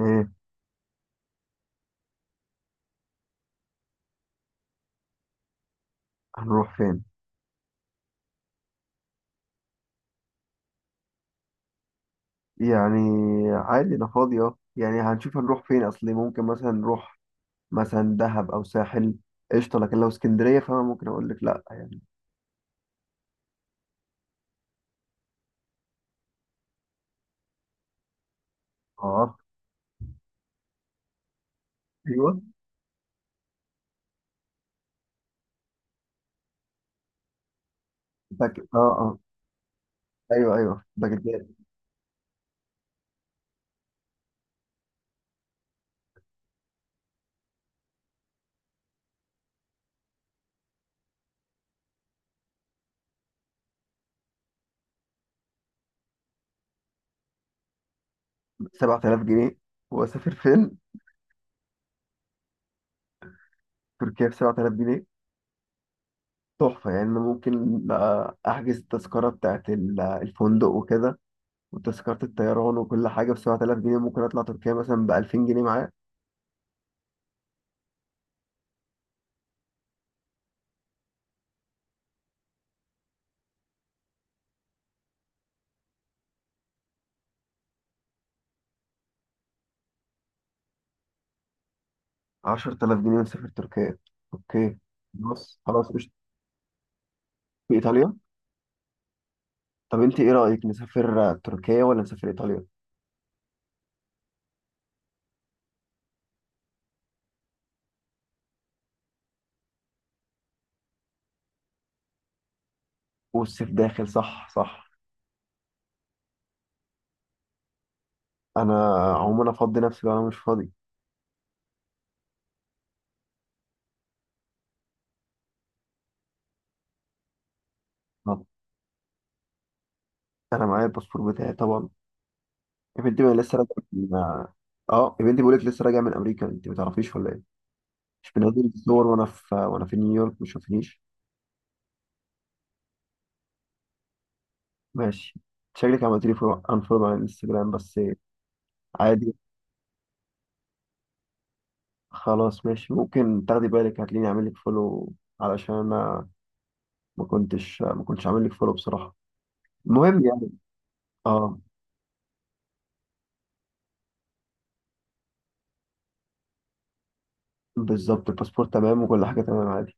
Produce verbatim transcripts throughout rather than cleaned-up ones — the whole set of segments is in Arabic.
ايه، هنروح فين؟ يعني عادي انا فاضي اه يعني هنشوف هنروح فين. اصلي ممكن مثلا نروح مثلا دهب او ساحل. قشطه، لكن لو اسكندريه فانا ممكن اقول لك لا يعني. اه ايوه باك. اه اه ايوه ايوه باكج. سبعة آلاف جنيه؟ واسافر فين؟ تركيا ب سبعة آلاف جنيه؟ تحفه يعني. انا ممكن بقى احجز التذكره بتاعت ال- الفندق وكده، وتذكره الطيران وكل حاجه ب سبع تلاف جنيه. ممكن اطلع تركيا مثلا ب ألفين جنيه. عشر تلاف جنيه ونسافر تركيا؟ اوكي، بص خلاص قشطة. في ايطاليا؟ طب انت ايه رأيك، نسافر تركيا ولا نسافر ايطاليا؟ والصيف داخل، صح صح. انا عموما افضي نفسي لو انا مش فاضي. طب انا معايا الباسبور بتاعي طبعا. يا بنتي ما لسه راجع من. اه يا بنتي بقول لك لسه راجع من امريكا، انت ما تعرفيش ولا ايه؟ مش بنزل صور وانا في وانا في نيويورك؟ ما شوفنيش؟ ماشي. شكلك عملت لي انفولو على الانستجرام بس. عادي. خلاص ماشي، ممكن تاخدي بالك هتلاقيني عامل لك فولو، علشان انا ما كنتش ما كنتش عامل لك فولو بصراحه. المهم يعني. اه. بالظبط، الباسبور تمام وكل حاجه تمام عادي.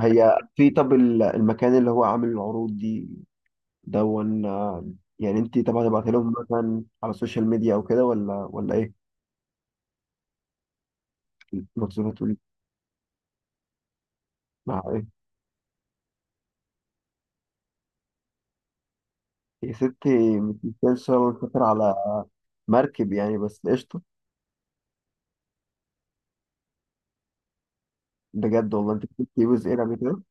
هي في، طب ال- المكان اللي هو عامل العروض دي دون آه، يعني انت طبعا هتبعتي لهم مثلا على السوشيال ميديا او كده ولا ولا ايه؟ المقصود هتقولي. مع ايه؟ يا ستي مش مسافر سافر على مركب يعني، بس قشطه. بجد والله، انت كنت بوز اير قبل كده؟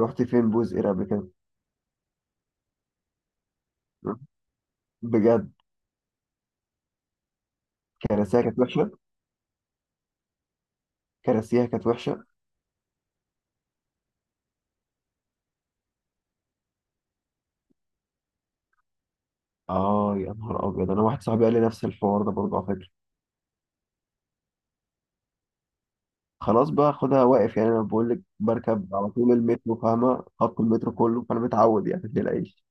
رحت فين بوز اير قبل كده؟ بجد؟ كراسيها كانت وحشه؟ كراسيها كانت وحشه. اه يا نهار ابيض، انا واحد صاحبي قال لي نفس الحوار ده برضه على فكره. خلاص بقى خدها واقف يعني، انا بقول لك بركب على طول المترو فاهمه، خط المترو كله، فانا متعود يعني الدنيا العيش.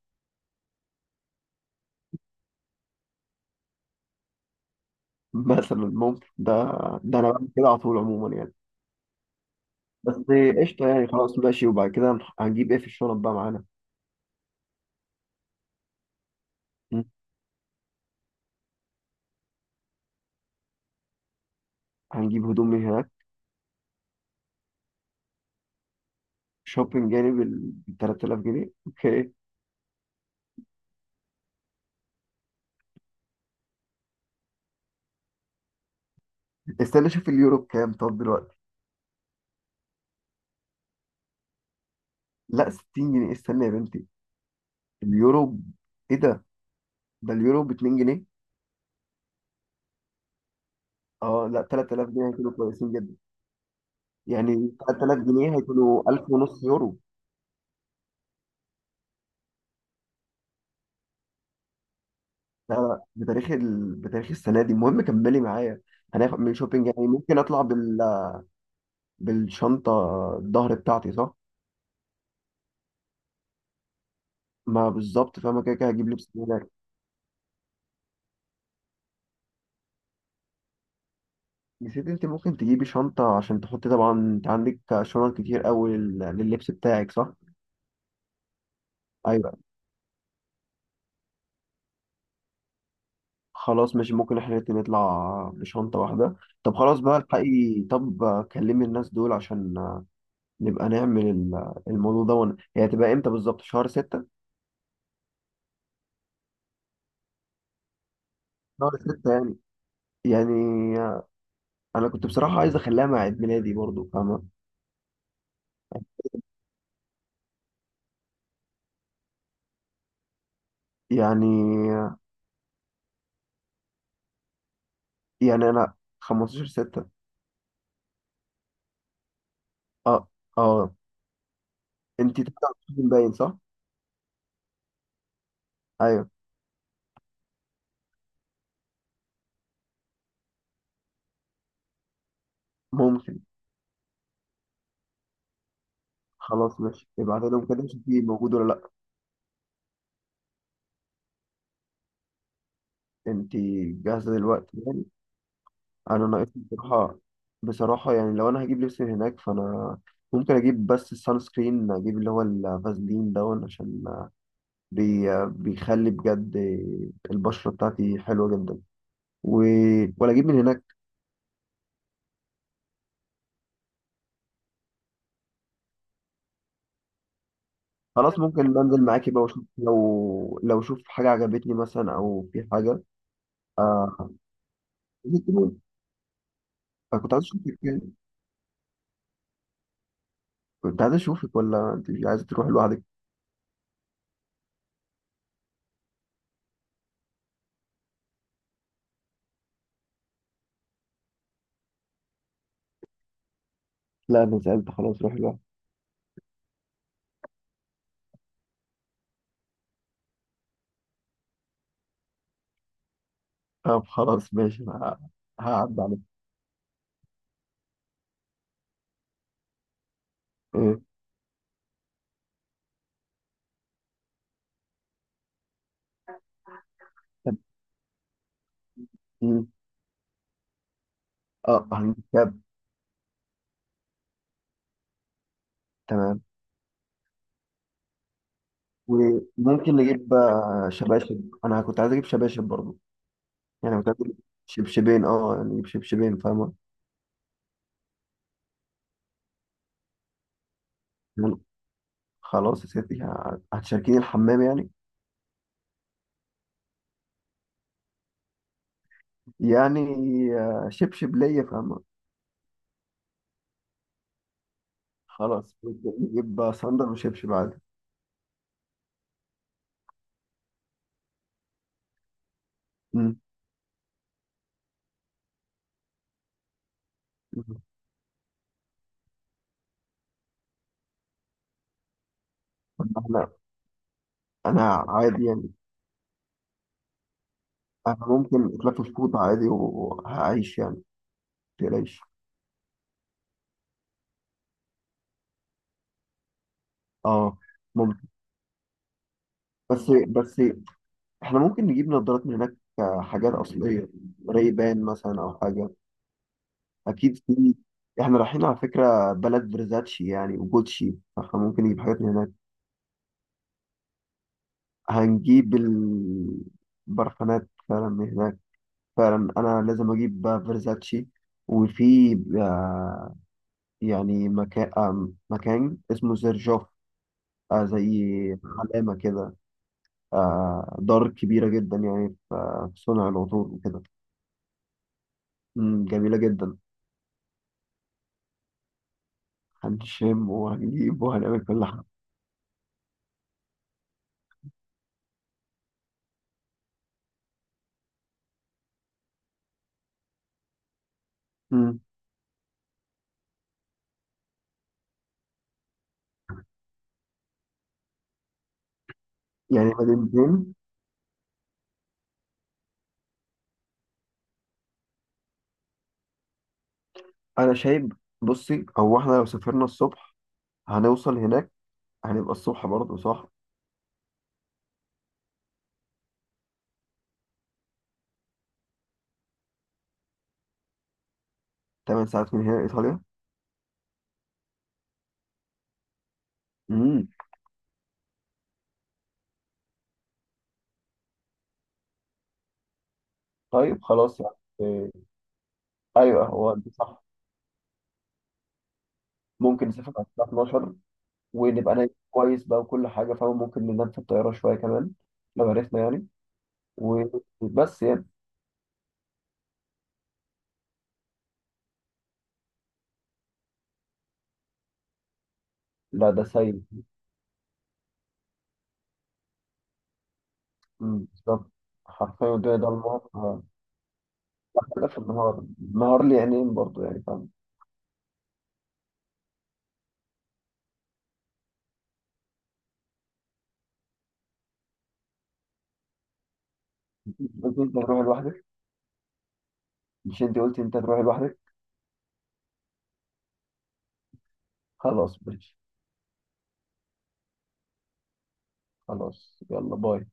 مثلا ممكن ده. ده انا بعمل كده على طول عموما يعني. بس قشطه يعني، خلاص ماشي. وبعد كده هنح- هنجيب ايه في الشنط بقى معانا؟ م؟ هنجيب هدوم من هناك؟ شوبينج يعني بال تلت آلاف جنيه. اوكي. استنى اشوف اليورو بكام طب دلوقتي. لا ستين جنيه؟ استنى يا بنتي. اليورو. ايه ده؟ ده اليورو ب اتنين جنيه؟ اه لا، تلت آلاف جنيه هيكونوا كويسين جدا. يعني ثلاثة آلاف جنيه هيكونوا ألف ونص يورو. لا لا، بتاريخ ال... بتاريخ السنه دي. المهم كملي معايا. هناخد من شوبينج يعني، ممكن اطلع بال... بالشنطه الظهر بتاعتي صح؟ ما بالظبط، فاهمه كده كده هجيب لبس من هناك. نسيت؟ انت ممكن تجيبي شنطه عشان تحطي، طبعا انت عندك شنط كتير قوي لل- لللبس بتاعك صح؟ ايوه خلاص ماشي، ممكن احنا الاتنين نطلع بشنطه واحده. طب خلاص بقى الحقي، طب كلمي الناس دول، عشان نبقى نعمل ال- الموضوع ده ون- هي هتبقى امتى بالظبط؟ شهر ستة؟ شهر ستة يعني. يعني انا كنت بصراحة عايز اخليها مع عيد ميلادي برضو، فاهمة يعني يعني انا خمستاشر ستة. اه اه. انتي تبقى باين صح؟ ايوه. ممكن. خلاص ماشي، ابعت لهم كده شوفي موجود ولا لا. انتي جاهزة دلوقتي يعني؟ انا ناقصني بصراحة. بصراحة يعني، لو انا هجيب لبس من هناك، فانا ممكن اجيب بس السان سكرين، اجيب اللي هو الفازلين ده، عشان بي بيخلي بجد البشرة بتاعتي حلوة جدا. و... ولا اجيب من هناك؟ خلاص ممكن بنزل معاكي بقى، واشوف لو لو اشوف حاجة عجبتني مثلا، او في حاجة. آه... أنا كنت عايز اشوفك يعني. كنت عايز اشوفك، ولا انت مش عايزة تروح لوحدك؟ لا انا سألت، خلاص روح لوحدك. طب خلاص ماشي، أنا ه- هعدي عليك. إيه؟ طب إيه؟ اه هنجيب كاب. تمام. وممكن نجيب آه، شباشب، انا كنت عايز اجيب شباشب برضه. يعني كنت عايز اجيب شبشبين، اه يعني نجيب شبشبين فاهمة. مم. خلاص يا ستي، ه- هتشاركيني الحمام يعني؟ يعني آه، شبشب ليا فاهمة. خلاص نجيب صندل وشبشب عادي. مم. مم. طب احنا. انا عادي يعني. انا ممكن اتلفف فوط عادي وهعيش يعني، متقلقيش. اه ممكن. بس بس احنا ممكن نجيب نظارات من هناك، آه، حاجات اصلية. ريبان مثلا، او حاجة. اكيد في. احنا رايحين على فكرة بلد برزاتشي يعني وجوتشي، فاحنا ممكن نجيب حاجات من هناك. هنجيب البرفانات فعلا من هناك. فعلا انا لازم اجيب بقى فيرزاتشي. وفي آه، يعني مكان، آه، مكان اسمه زرجوف. آه، زي علامة كده. آه، دار كبيرة جدا يعني في، آه، في صنع العطور وكده. مم، جميلة جدا. هنشم وهنجيب وهنعمل كل حاجة. مم. يعني مدينتين. أنا شايف. بصي هو إحنا لو سافرنا الصبح، هنوصل هناك، هنبقى الصبح برضه صح؟ 8 ساعات من هنا إيطاليا؟ مم. طيب خلاص يعني. إيه؟ ايوه هو ده صح. ممكن نسافر على الساعه اثنا عشر، ونبقى نايم كويس بقى وكل حاجه فاهم، ممكن ننام في الطياره شويه كمان لو عرفنا يعني. وبس يعني. لا ده سيء. أمم، بالظبط. حرفيا الدنيا ده النهار. ده في النهار، النهار لي عينين برضه يعني فاهم. قلت انت هتروح لوحدك؟ مش انت قلت انت هتروح لوحدك؟ خلاص ماشي. خلاص يلا باي.